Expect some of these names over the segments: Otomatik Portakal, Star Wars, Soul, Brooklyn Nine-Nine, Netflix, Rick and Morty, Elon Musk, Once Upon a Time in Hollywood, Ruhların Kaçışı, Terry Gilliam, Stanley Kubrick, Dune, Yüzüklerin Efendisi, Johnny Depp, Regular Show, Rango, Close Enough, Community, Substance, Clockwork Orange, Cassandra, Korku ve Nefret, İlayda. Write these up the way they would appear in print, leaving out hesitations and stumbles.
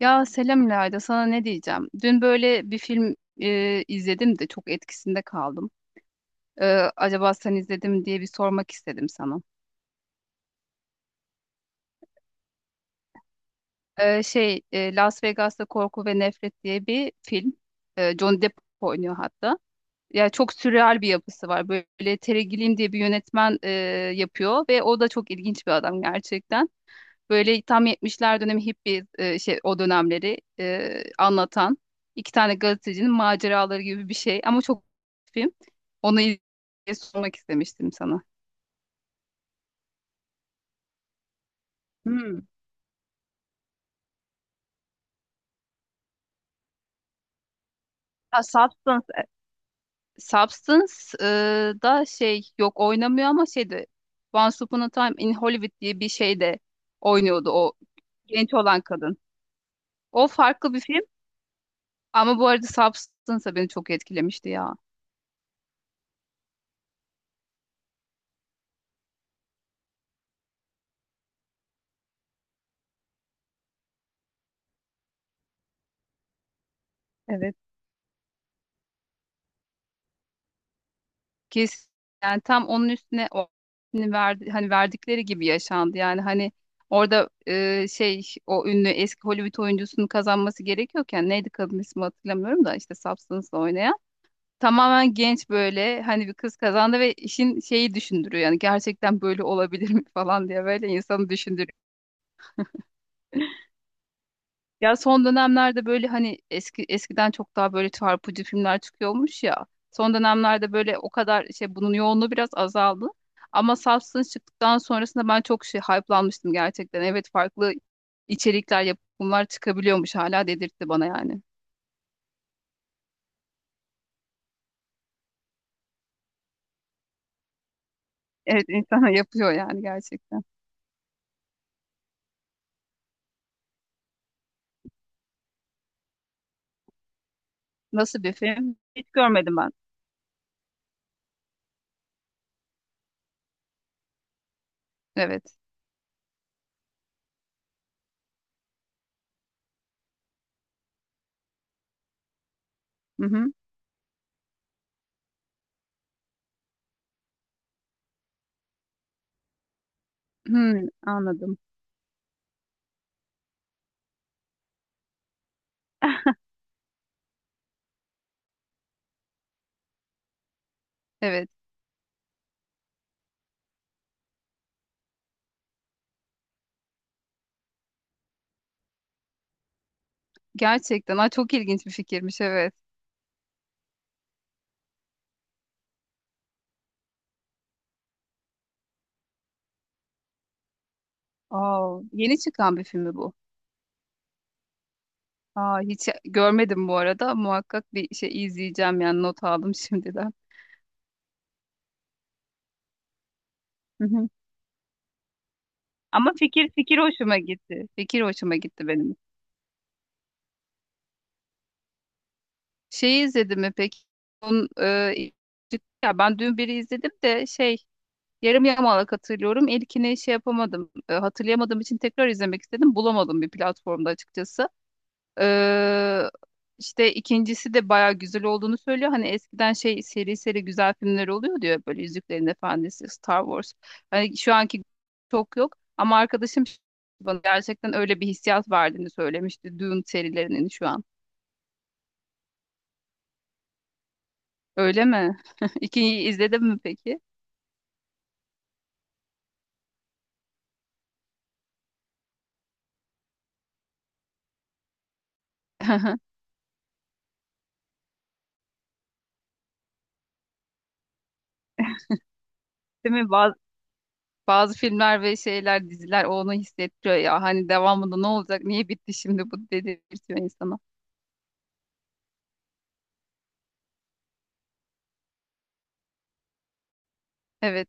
Ya selam İlayda, sana ne diyeceğim? Dün böyle bir film izledim de çok etkisinde kaldım. E, acaba sen izledin mi diye bir sormak istedim sana. Las Vegas'ta Korku ve Nefret diye bir film. Johnny Depp oynuyor hatta. Ya çok sürreal bir yapısı var. Böyle Terry Gilliam diye bir yönetmen yapıyor ve o da çok ilginç bir adam gerçekten. Böyle tam yetmişler dönemi hippi o dönemleri anlatan iki tane gazetecinin maceraları gibi bir şey ama çok film. Onu sormak istemiştim sana. Hmm. Ha, Substance. Substance e, da şey yok oynamıyor ama şeydi Once Upon a Time in Hollywood diye bir şey de oynuyordu o genç olan kadın. O farklı bir film ama bu arada Substance da beni çok etkilemişti ya. Evet. Kesin yani tam onun üstüne o hani verdi, hani verdikleri gibi yaşandı. Yani hani orada o ünlü eski Hollywood oyuncusunun kazanması gerekiyorken neydi kadın ismi hatırlamıyorum da işte Substance'la oynayan. Tamamen genç böyle hani bir kız kazandı ve işin şeyi düşündürüyor yani gerçekten böyle olabilir mi falan diye böyle insanı düşündürüyor. Ya son dönemlerde böyle hani eskiden çok daha böyle çarpıcı filmler çıkıyormuş ya. Son dönemlerde böyle o kadar şey bunun yoğunluğu biraz azaldı. Ama Substance çıktıktan sonrasında ben çok şey hype'lanmıştım gerçekten. Evet, farklı içerikler, yapımlar çıkabiliyormuş hala dedirtti bana yani. Evet, insana yapıyor yani gerçekten. Nasıl bir film? Hiç görmedim ben. Evet. Hı hı. Hmm, Anladım. Evet. Gerçekten. Ay, çok ilginç bir fikirmiş, evet. Aa, yeni çıkan bir film mi bu? Aa, hiç görmedim bu arada. Muhakkak bir şey izleyeceğim yani, not aldım şimdiden. Hı hı. Ama fikir fikir hoşuma gitti. Fikir hoşuma gitti benim. Şeyi izledim mi peki? Onun, ya ben dün biri izledim de şey yarım yamalak hatırlıyorum. İlkini şey yapamadım. Hatırlayamadığım için tekrar izlemek istedim. Bulamadım bir platformda açıkçası. Ee, işte ikincisi de bayağı güzel olduğunu söylüyor. Hani eskiden şey seri seri güzel filmler oluyor diyor. Böyle Yüzüklerin Efendisi, Star Wars. Hani şu anki çok yok. Ama arkadaşım bana gerçekten öyle bir hissiyat verdiğini söylemişti. Dune serilerinin şu an. Öyle mi? İkinciyi izledin mi peki? Değil mi? Bazı filmler ve şeyler, diziler onu hissettiriyor ya. Hani devamında ne olacak? Niye bitti şimdi bu dedirtiyor insana. Evet.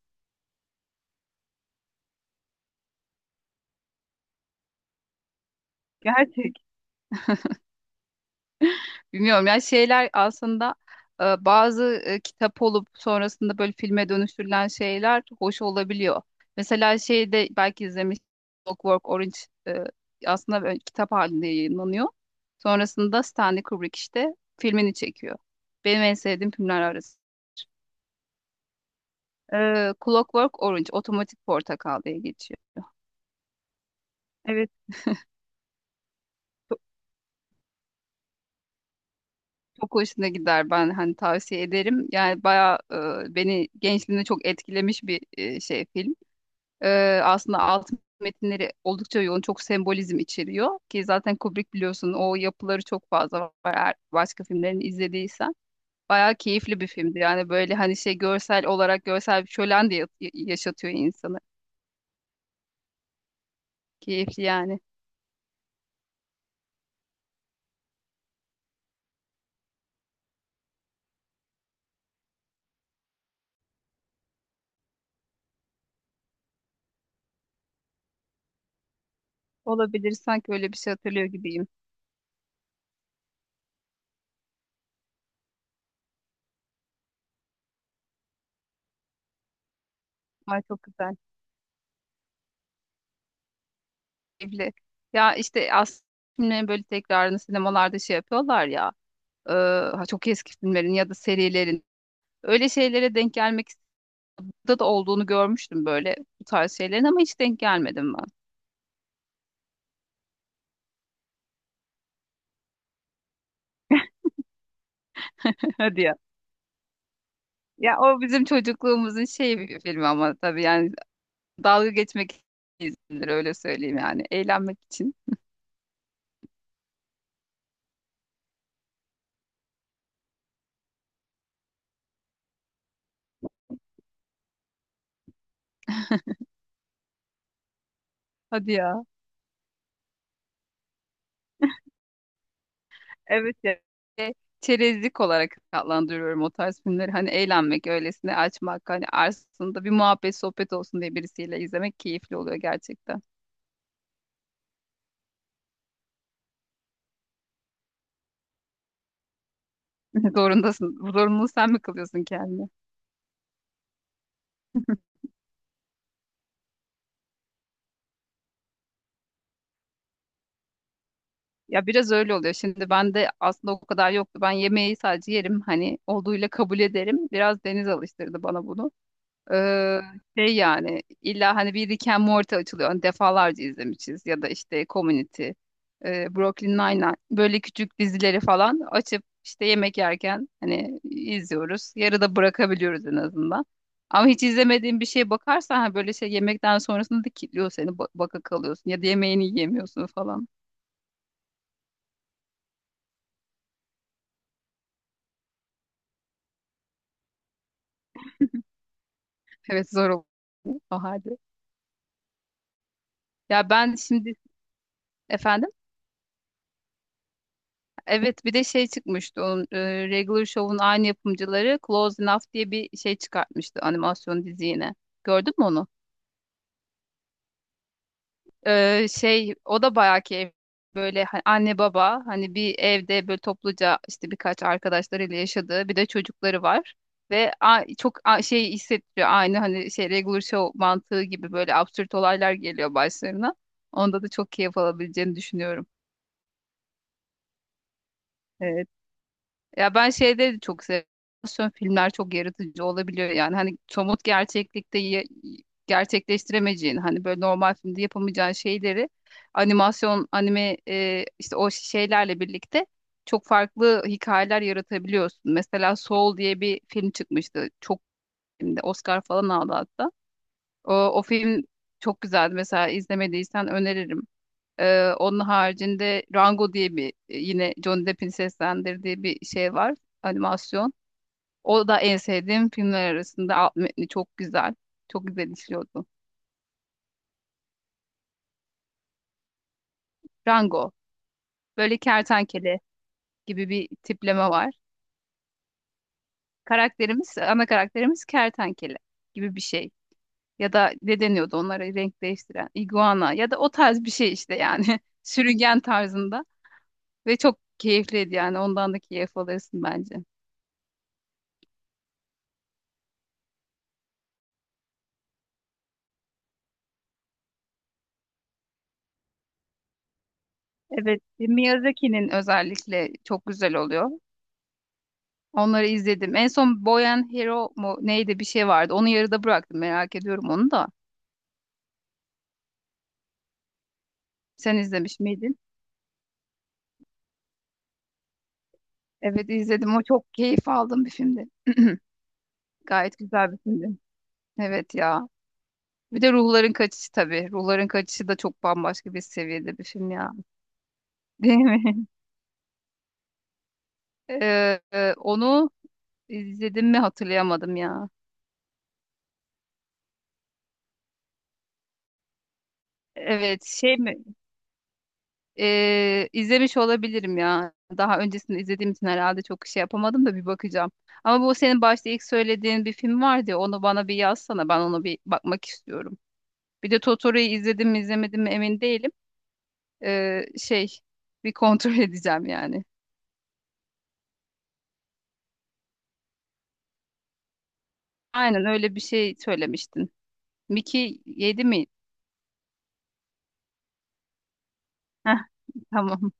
Gerçek. Bilmiyorum ya, şeyler aslında bazı kitap olup sonrasında böyle filme dönüştürülen şeyler hoş olabiliyor. Mesela şeyde belki izlemiş Clockwork Orange e, aslında böyle kitap halinde yayınlanıyor. Sonrasında Stanley Kubrick işte filmini çekiyor. Benim en sevdiğim filmler arasında. Clockwork Orange, Otomatik Portakal diye geçiyor. Evet. Çok, çok hoşuna gider, ben hani tavsiye ederim. Yani bayağı beni gençliğimde çok etkilemiş bir şey film. Aslında alt metinleri oldukça yoğun, çok sembolizm içeriyor ki zaten Kubrick biliyorsun o yapıları çok fazla var. Eğer başka filmlerini izlediysen bayağı keyifli bir filmdi. Yani böyle hani şey görsel olarak görsel bir şölen de yaşatıyor insanı. Keyifli yani. Olabilir, sanki öyle bir şey hatırlıyor gibiyim. Ay, çok güzel. Keyifli. Ya işte aslında filmlerin böyle tekrarını sinemalarda şey yapıyorlar ya. e, ha çok eski filmlerin ya da serilerin. Öyle şeylere denk gelmek da olduğunu görmüştüm böyle bu tarz şeylerin ama hiç denk gelmedim ben. Hadi ya. Ya o bizim çocukluğumuzun şey bir filmi ama tabii yani dalga geçmek izindir öyle söyleyeyim yani. Eğlenmek için. Hadi ya. Evet ya. E, Çerezlik olarak adlandırıyorum o tarz filmleri. Hani eğlenmek, öylesine açmak, hani arasında bir muhabbet, sohbet olsun diye birisiyle izlemek keyifli oluyor gerçekten. Zorundasın. Bu zorunluluğu sen mi kılıyorsun kendine? Ya biraz öyle oluyor. Şimdi ben de aslında o kadar yoktu. Ben yemeği sadece yerim. Hani olduğuyla kabul ederim. Biraz Deniz alıştırdı bana bunu. Ee, Şey yani, illa hani bir Rick and Morty açılıyor. Hani defalarca izlemişiz. Ya da işte Community, Brooklyn Nine-Nine. Böyle küçük dizileri falan açıp işte yemek yerken hani izliyoruz. Yarıda bırakabiliyoruz en azından. Ama hiç izlemediğin bir şeye bakarsan hani böyle şey yemekten sonrasında da kilitliyor seni. Baka kalıyorsun ya da yemeğini yiyemiyorsun falan. Evet, zor oldu o halde. Ya ben şimdi, efendim, evet, bir de şey çıkmıştı, onun Regular Show'un aynı yapımcıları Close Enough diye bir şey çıkartmıştı, animasyon dizi yine. Gördün mü onu? Şey o da bayağı ki böyle anne baba hani bir evde böyle topluca işte birkaç arkadaşlarıyla yaşadığı, bir de çocukları var. Ve çok şey hissettiriyor, aynı hani şey Regular Show mantığı gibi böyle absürt olaylar geliyor başlarına. Onda da çok keyif alabileceğini düşünüyorum. Evet. Ya ben şeyde de çok seviyorum. Animasyon filmler çok yaratıcı olabiliyor yani. Hani somut gerçeklikte gerçekleştiremeyeceğin, hani böyle normal filmde yapamayacağın şeyleri animasyon, anime işte o şeylerle birlikte çok farklı hikayeler yaratabiliyorsun. Mesela Soul diye bir film çıkmıştı. Çok filmde Oscar falan aldı hatta. O film çok güzeldi. Mesela izlemediysen öneririm. Onun haricinde Rango diye bir, yine Johnny Depp'in seslendirdiği bir şey var. Animasyon. O da en sevdiğim filmler arasında. Alt metni çok güzel. Çok güzel işliyordu. Rango. Böyle kertenkele gibi bir tipleme var. Karakterimiz, ana karakterimiz kertenkele gibi bir şey. Ya da ne deniyordu onlara renk değiştiren? Iguana ya da o tarz bir şey işte yani. Sürüngen tarzında. Ve çok keyifliydi yani, ondan da keyif alırsın bence. Evet, Miyazaki'nin özellikle çok güzel oluyor. Onları izledim. En son Boy and Hero mu neydi, bir şey vardı. Onu yarıda bıraktım. Merak ediyorum onu da. Sen izlemiş miydin? Evet, izledim. O çok keyif aldığım bir filmdi. Gayet güzel bir filmdi. Evet ya. Bir de Ruhların Kaçışı tabii. Ruhların Kaçışı da çok bambaşka bir seviyede bir film ya. Değil mi? Onu izledim mi hatırlayamadım ya. Evet, şey mi? İzlemiş olabilirim ya. Daha öncesinde izlediğim için herhalde çok şey yapamadım da bir bakacağım. Ama bu senin başta ilk söylediğin bir film vardı ya, onu bana bir yazsana, ben ona bir bakmak istiyorum. Bir de Totoro'yu izledim mi izlemedim mi emin değilim. Şey bir kontrol edeceğim yani. Aynen, öyle bir şey söylemiştin. Miki yedi mi? Heh, tamam.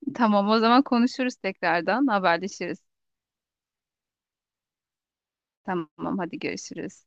Tamam, o zaman konuşuruz, tekrardan haberleşiriz. Tamam, hadi görüşürüz.